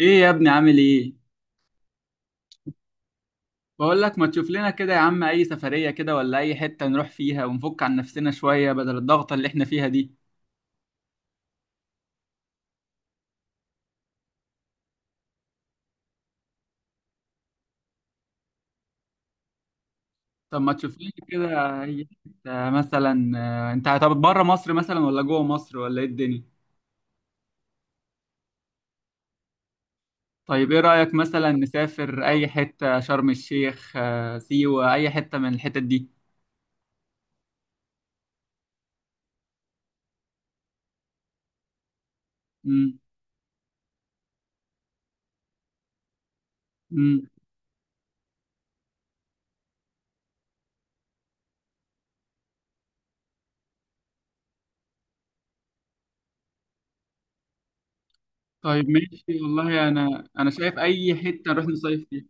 ايه يا ابني عامل ايه؟ بقول لك ما تشوف لنا كده يا عم اي سفرية كده ولا اي حتة نروح فيها ونفك عن نفسنا شوية بدل الضغط اللي احنا فيها دي. طب ما تشوف لنا كده أي حتة مثلا. انت طب بره مصر مثلا ولا جوه مصر ولا ايه الدنيا؟ طيب ايه رأيك مثلا نسافر اي حتة شرم الشيخ، سيوة، اي حتة من الحتت دي. امم امم طيب ماشي والله انا شايف اي حتة نروح نصيف فيها.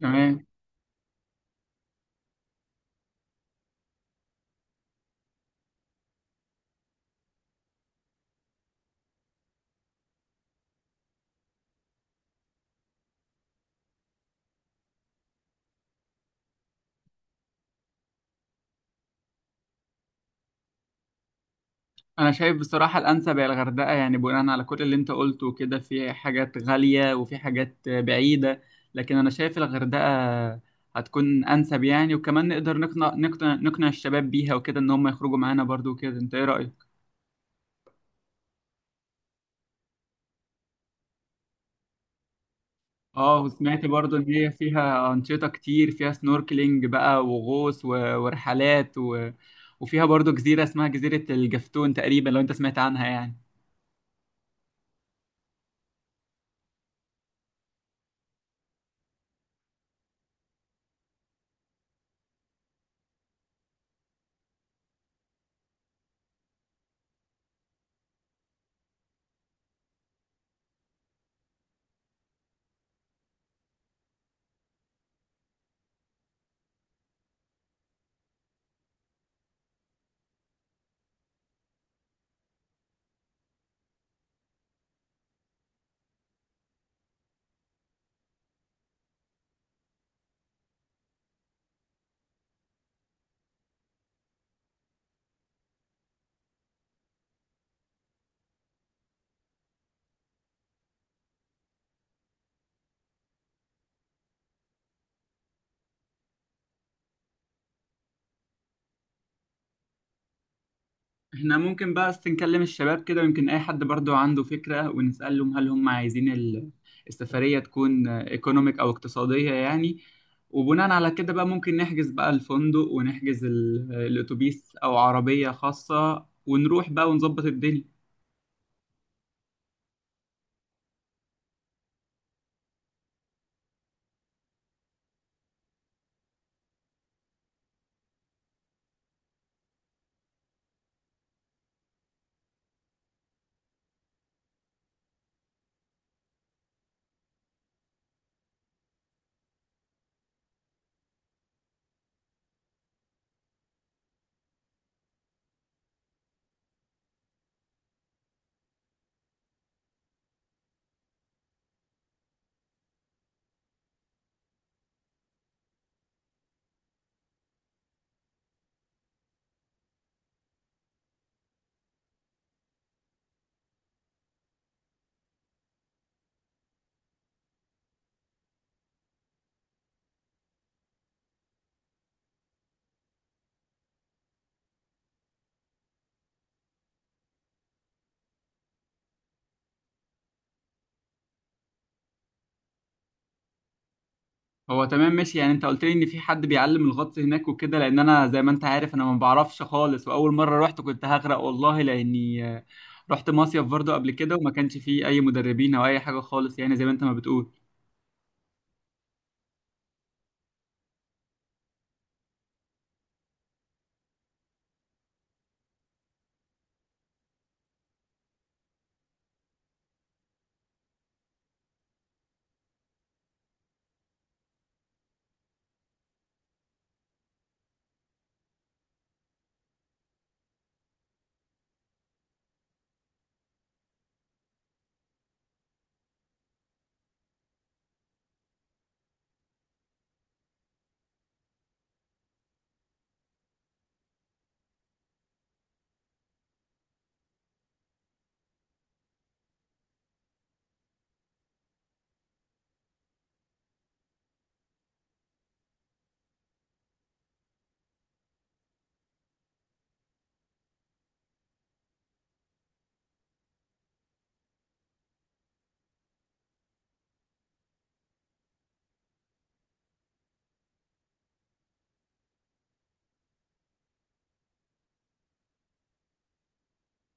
تمام، انا شايف بصراحه الانسب هي الغردقه، يعني بناء على كل اللي انت قلته وكده، في حاجات غاليه وفي حاجات بعيده، لكن انا شايف الغردقه هتكون انسب يعني. وكمان نقدر نقنع الشباب بيها وكده ان هم يخرجوا معانا برضو وكده. انت ايه رايك؟ اه، وسمعت برضو ان هي فيها انشطه كتير، فيها سنوركلينج بقى وغوص ورحلات وفيها برضو جزيره اسمها جزيره الجفتون تقريبا، لو انت سمعت عنها يعني. احنا ممكن بقى بس نكلم الشباب كده، ويمكن اي حد برضو عنده فكرة، ونسألهم هل هم عايزين السفرية تكون ايكونوميك او اقتصادية يعني. وبناء على كده بقى ممكن نحجز بقى الفندق ونحجز الاتوبيس او عربية خاصة، ونروح بقى ونظبط الدنيا. هو تمام ماشي، يعني انت قلت لي ان في حد بيعلم الغطس هناك وكده، لان انا زي ما انت عارف انا ما بعرفش خالص، واول مرة رحت كنت هغرق والله، لاني رحت مصيف برضو قبل كده وما كانش فيه اي مدربين او اي حاجة خالص، يعني زي ما انت ما بتقول.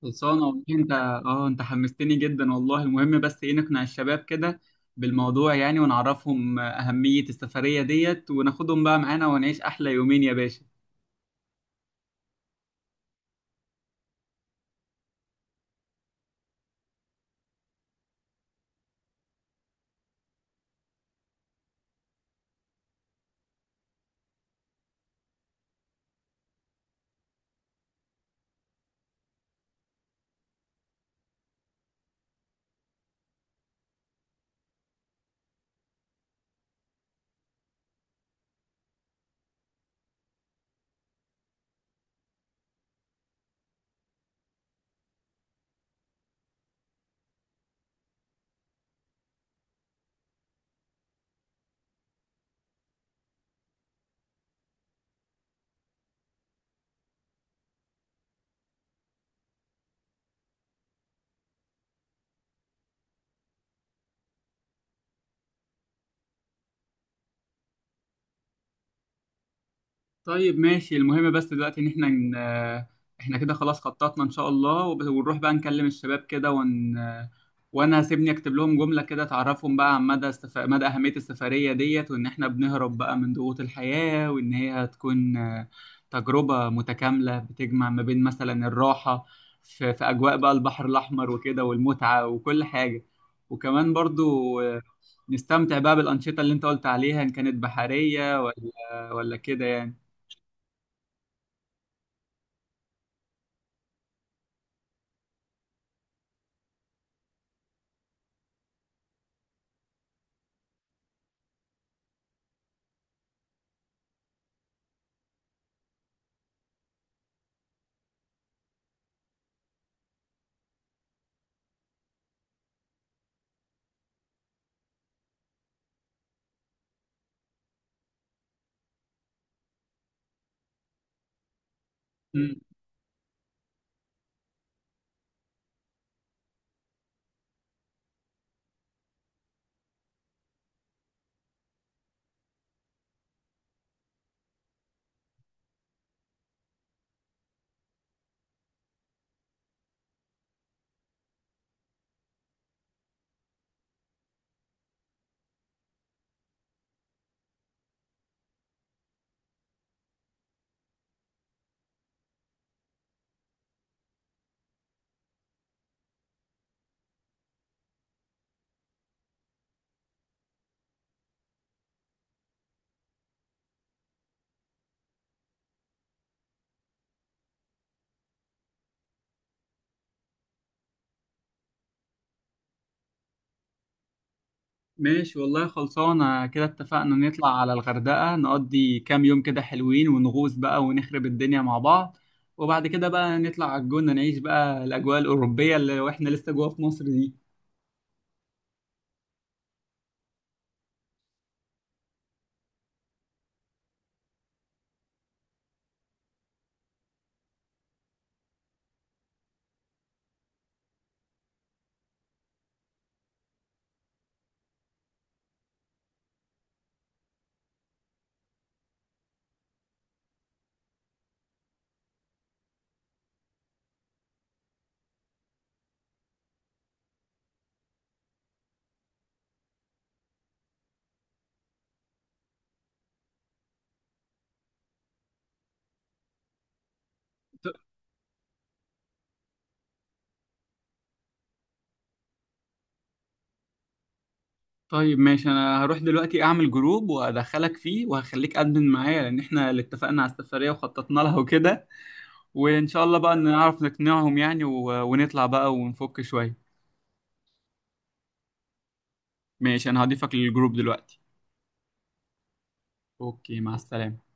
خلصانة والله، انت اه انت حمستني جدا والله. المهم بس ايه، نقنع الشباب كده بالموضوع يعني، ونعرفهم أهمية السفرية ديت، وناخدهم بقى معانا ونعيش أحلى يومين يا باشا. طيب ماشي، المهم بس دلوقتي ان احنا احنا كده خلاص خططنا ان شاء الله، ونروح بقى نكلم الشباب كده وانا هسيبني اكتب لهم جملة كده تعرفهم بقى عن مدى اهمية السفرية ديت، وان احنا بنهرب بقى من ضغوط الحياة، وان هي هتكون تجربة متكاملة بتجمع ما بين مثلا الراحة في اجواء بقى البحر الاحمر وكده، والمتعة وكل حاجة. وكمان برضو نستمتع بقى بالأنشطة اللي انت قلت عليها، ان كانت بحرية ولا كده يعني. مم. ماشي والله، خلصانة كده. اتفقنا نطلع على الغردقة، نقضي كام يوم كده حلوين، ونغوص بقى ونخرب الدنيا مع بعض، وبعد كده بقى نطلع على الجونة نعيش بقى الأجواء الأوروبية اللي واحنا لسه جوا في مصر دي. ط- طيب ماشي، أنا هروح دلوقتي أعمل جروب وأدخلك فيه وهخليك أدمن معايا، لأن احنا اللي اتفقنا على السفرية وخططنا لها وكده. وإن شاء الله بقى نعرف نقنعهم يعني، ونطلع بقى ونفك شوية. ماشي، أنا هضيفك للجروب دلوقتي. أوكي، مع السلامة.